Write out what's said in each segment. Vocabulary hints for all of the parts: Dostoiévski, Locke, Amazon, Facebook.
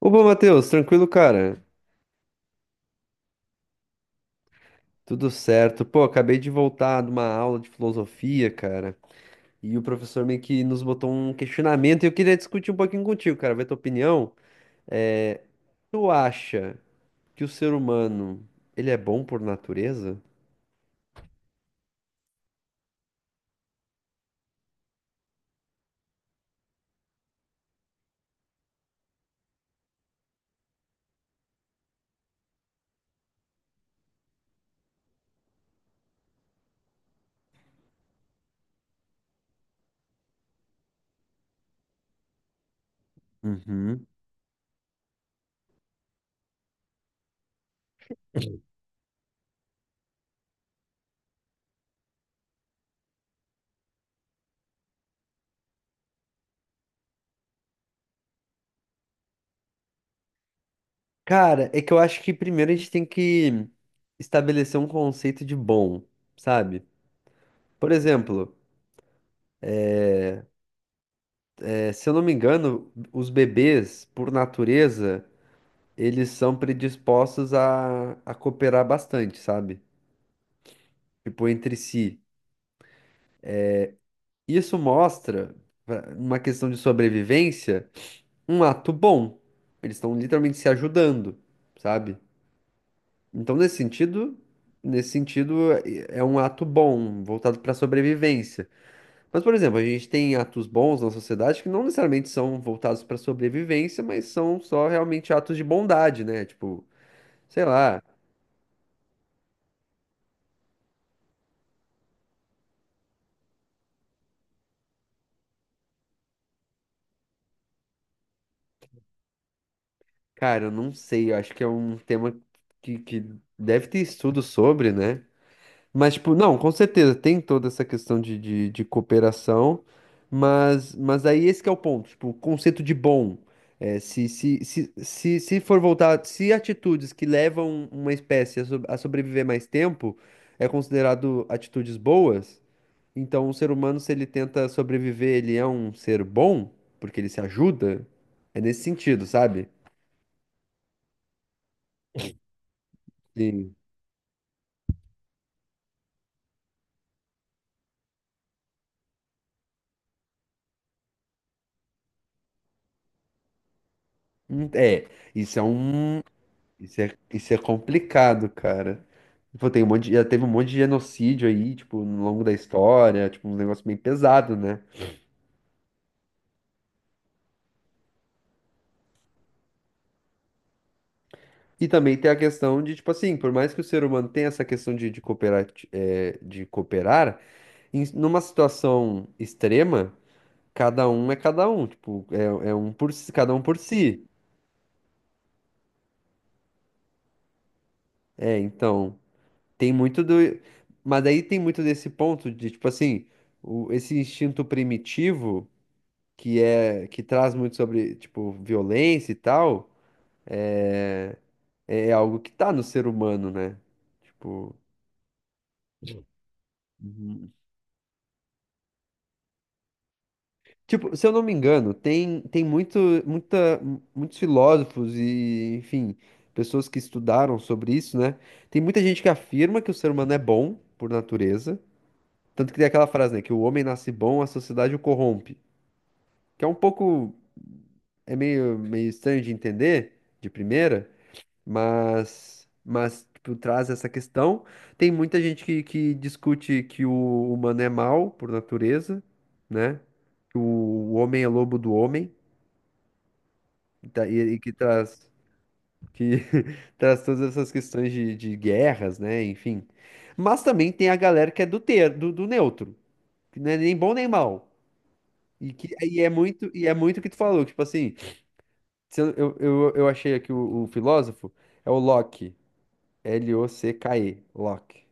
Opa, Matheus, tranquilo, cara? Tudo certo. Pô, acabei de voltar de uma aula de filosofia, cara, e o professor meio que nos botou um questionamento e eu queria discutir um pouquinho contigo, cara, ver tua opinião. É, tu acha que o ser humano, ele é bom por natureza? Uhum. Cara, é que eu acho que primeiro a gente tem que estabelecer um conceito de bom, sabe? Por exemplo, se eu não me engano, os bebês, por natureza, eles são predispostos a cooperar bastante, sabe? Tipo, entre si. Isso mostra, numa questão de sobrevivência, um ato bom. Eles estão literalmente se ajudando, sabe? Então, nesse sentido, é um ato bom, voltado para sobrevivência. Mas, por exemplo, a gente tem atos bons na sociedade que não necessariamente são voltados para sobrevivência, mas são só realmente atos de bondade, né? Tipo, sei lá. Cara, eu não sei, eu acho que é um tema que deve ter estudo sobre, né? Mas, tipo, não, com certeza, tem toda essa questão de cooperação, mas aí esse que é o ponto, tipo, o conceito de bom. Se for voltar, se atitudes que levam uma espécie a a sobreviver mais tempo é considerado atitudes boas, então o ser humano, se ele tenta sobreviver, ele é um ser bom, porque ele se ajuda, é nesse sentido, sabe? Sim. É, isso é um. Isso é complicado, cara. Tipo, tem um já teve um monte de genocídio aí, tipo, no longo da história, tipo, um negócio bem pesado, né? E também tem a questão de, tipo assim, por mais que o ser humano tenha essa questão de, de cooperar, numa situação extrema, cada um é cada um, tipo, é um por si, cada um por si. É, então, tem muito do. Mas aí tem muito desse ponto de, tipo assim, esse instinto primitivo. Que que traz muito sobre, tipo, violência e tal, é, é algo que tá no ser humano, né? Tipo, uhum, tipo, se eu não me engano, tem muito, muita, muitos filósofos e, enfim, pessoas que estudaram sobre isso, né? Tem muita gente que afirma que o ser humano é bom por natureza, tanto que tem aquela frase, né, que o homem nasce bom, a sociedade o corrompe, que é um pouco é meio estranho de entender de primeira, mas tipo, traz essa questão. Tem muita gente que discute que o humano é mau por natureza, né? Que o homem é lobo do homem, e que traz, que traz todas essas questões de guerras, né? Enfim. Mas também tem a galera que é do neutro, que não é nem bom nem mal. E é muito o que tu falou, tipo assim, se eu, eu achei aqui o filósofo, é o Locke, Locke, Locke.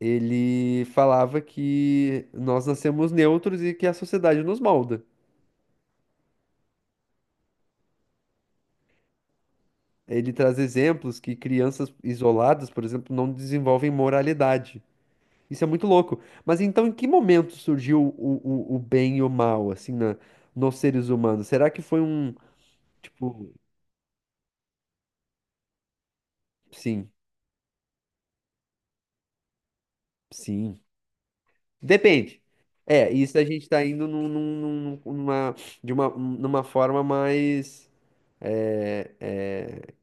Ele falava que nós nascemos neutros e que a sociedade nos molda. Ele traz exemplos que crianças isoladas, por exemplo, não desenvolvem moralidade. Isso é muito louco. Mas então, em que momento surgiu o bem e o mal, assim, nos seres humanos? Será que foi um, tipo, sim, sim. Depende. É, isso a gente tá indo numa forma mais é, é,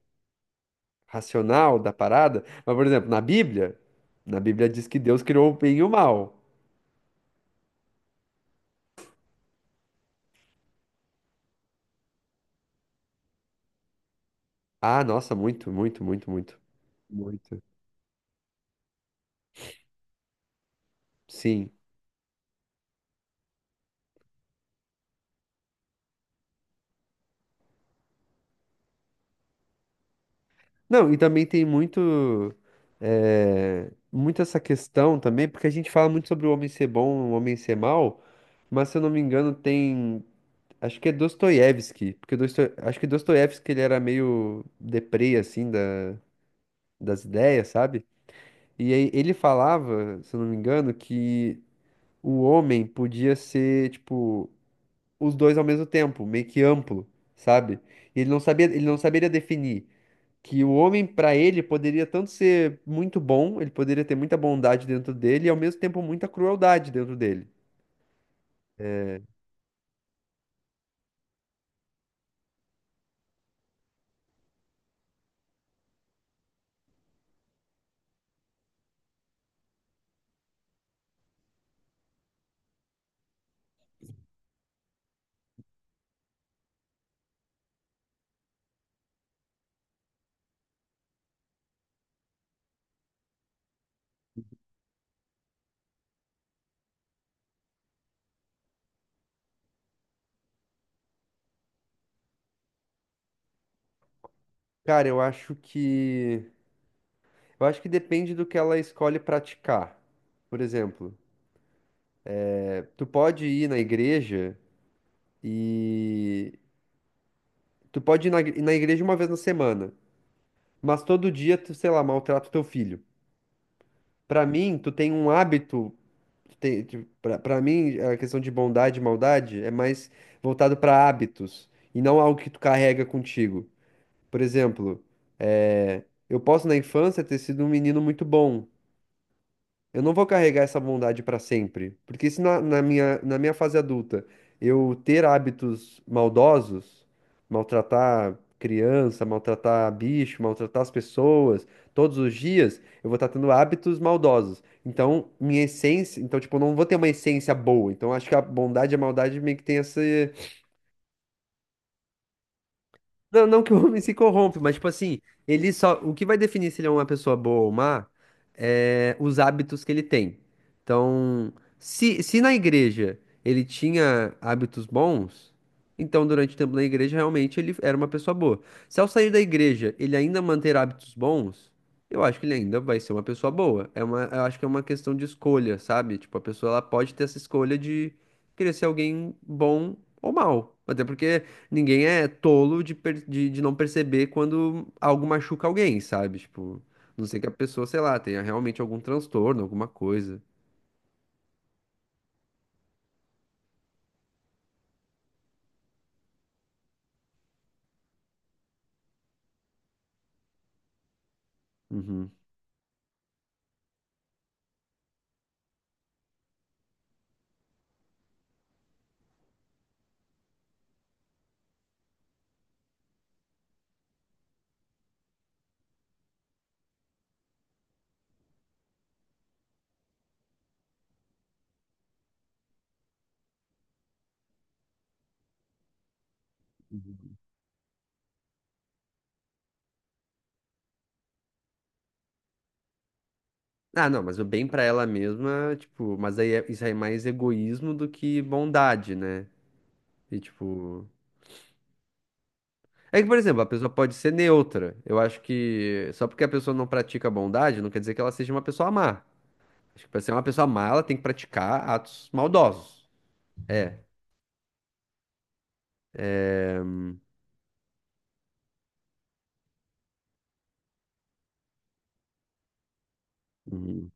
racional da parada. Mas, por exemplo, na Bíblia diz que Deus criou o bem e o mal. Ah, nossa, muito, muito, muito, muito, muito. Sim. Não, e também tem muito, muito essa questão também, porque a gente fala muito sobre o homem ser bom, o homem ser mal, mas se eu não me engano tem, acho que é Dostoiévski, porque Dosto... acho que Dostoiévski ele era meio deprê, assim, da... das ideias, sabe? E aí ele falava, se eu não me engano, que o homem podia ser, tipo, os dois ao mesmo tempo, meio que amplo, sabe? E ele não sabia, ele não saberia definir que o homem, pra ele, poderia tanto ser muito bom, ele poderia ter muita bondade dentro dele e ao mesmo tempo muita crueldade dentro dele. Cara, eu acho que depende do que ela escolhe praticar. Por exemplo, tu pode ir na igreja e tu pode ir na igreja uma vez na semana, mas todo dia tu, sei lá, maltrata o teu filho. Pra mim, tu tem um hábito. Tipo, pra mim, a questão de bondade e maldade é mais voltado pra hábitos e não algo que tu carrega contigo. Por exemplo, eu posso na infância ter sido um menino muito bom. Eu não vou carregar essa bondade para sempre, porque se na minha fase adulta eu ter hábitos maldosos, maltratar criança, maltratar bicho, maltratar as pessoas, todos os dias, eu vou estar tendo hábitos maldosos. Então, minha essência, então tipo, eu não vou ter uma essência boa. Então, acho que a bondade e a maldade meio que tem essa não, não que o homem se corrompe, mas tipo assim, ele só. O que vai definir se ele é uma pessoa boa ou má é os hábitos que ele tem. Então, se na igreja ele tinha hábitos bons, então durante o tempo na igreja realmente ele era uma pessoa boa. Se ao sair da igreja ele ainda manter hábitos bons, eu acho que ele ainda vai ser uma pessoa boa. É uma, eu acho que é uma questão de escolha, sabe? Tipo, a pessoa ela pode ter essa escolha de querer ser alguém bom ou mal. Até porque. Ninguém é tolo de não perceber quando algo machuca alguém, sabe? Tipo, a não sei que a pessoa, sei lá, tenha realmente algum transtorno, alguma coisa. Uhum. Ah, não, mas o bem pra ela mesma, tipo, mas aí isso aí é mais egoísmo do que bondade, né? E tipo. É que, por exemplo, a pessoa pode ser neutra. Eu acho que só porque a pessoa não pratica bondade, não quer dizer que ela seja uma pessoa má. Acho que pra ser uma pessoa má, ela tem que praticar atos maldosos. É. É, uhum.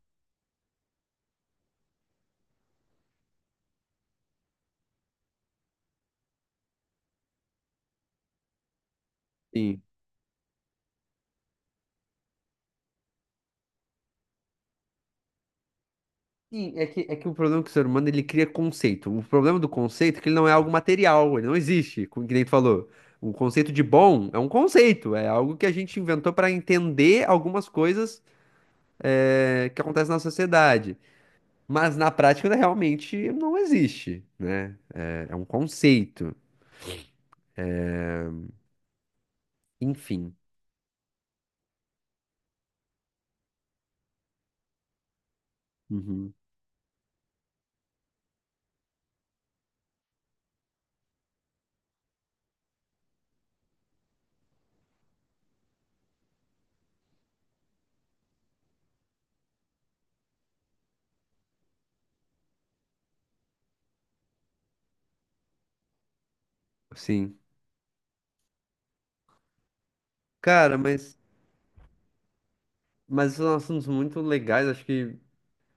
Sim. Sim, é que o problema é que o ser humano ele cria conceito. O problema do conceito é que ele não é algo material, ele não existe, como que nem tu falou. O conceito de bom é um conceito, é algo que a gente inventou para entender algumas coisas que acontecem na sociedade. Mas na prática né, realmente não existe, né? É, é um conceito. Enfim. Uhum. Sim. Cara, mas são assuntos muito legais, acho que.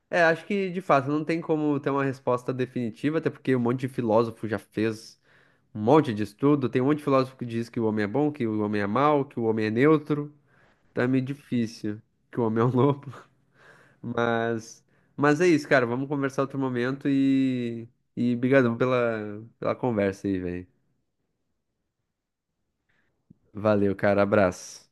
É, acho que de fato não tem como ter uma resposta definitiva, até porque um monte de filósofo já fez um monte de estudo. Tem um monte de filósofo que diz que o homem é bom, que o homem é mau, que o homem é neutro. Tá meio difícil, que o homem é um lobo. Mas, mas é isso, cara. Vamos conversar outro momento e brigadão pela conversa aí, velho. Valeu, cara. Abraço.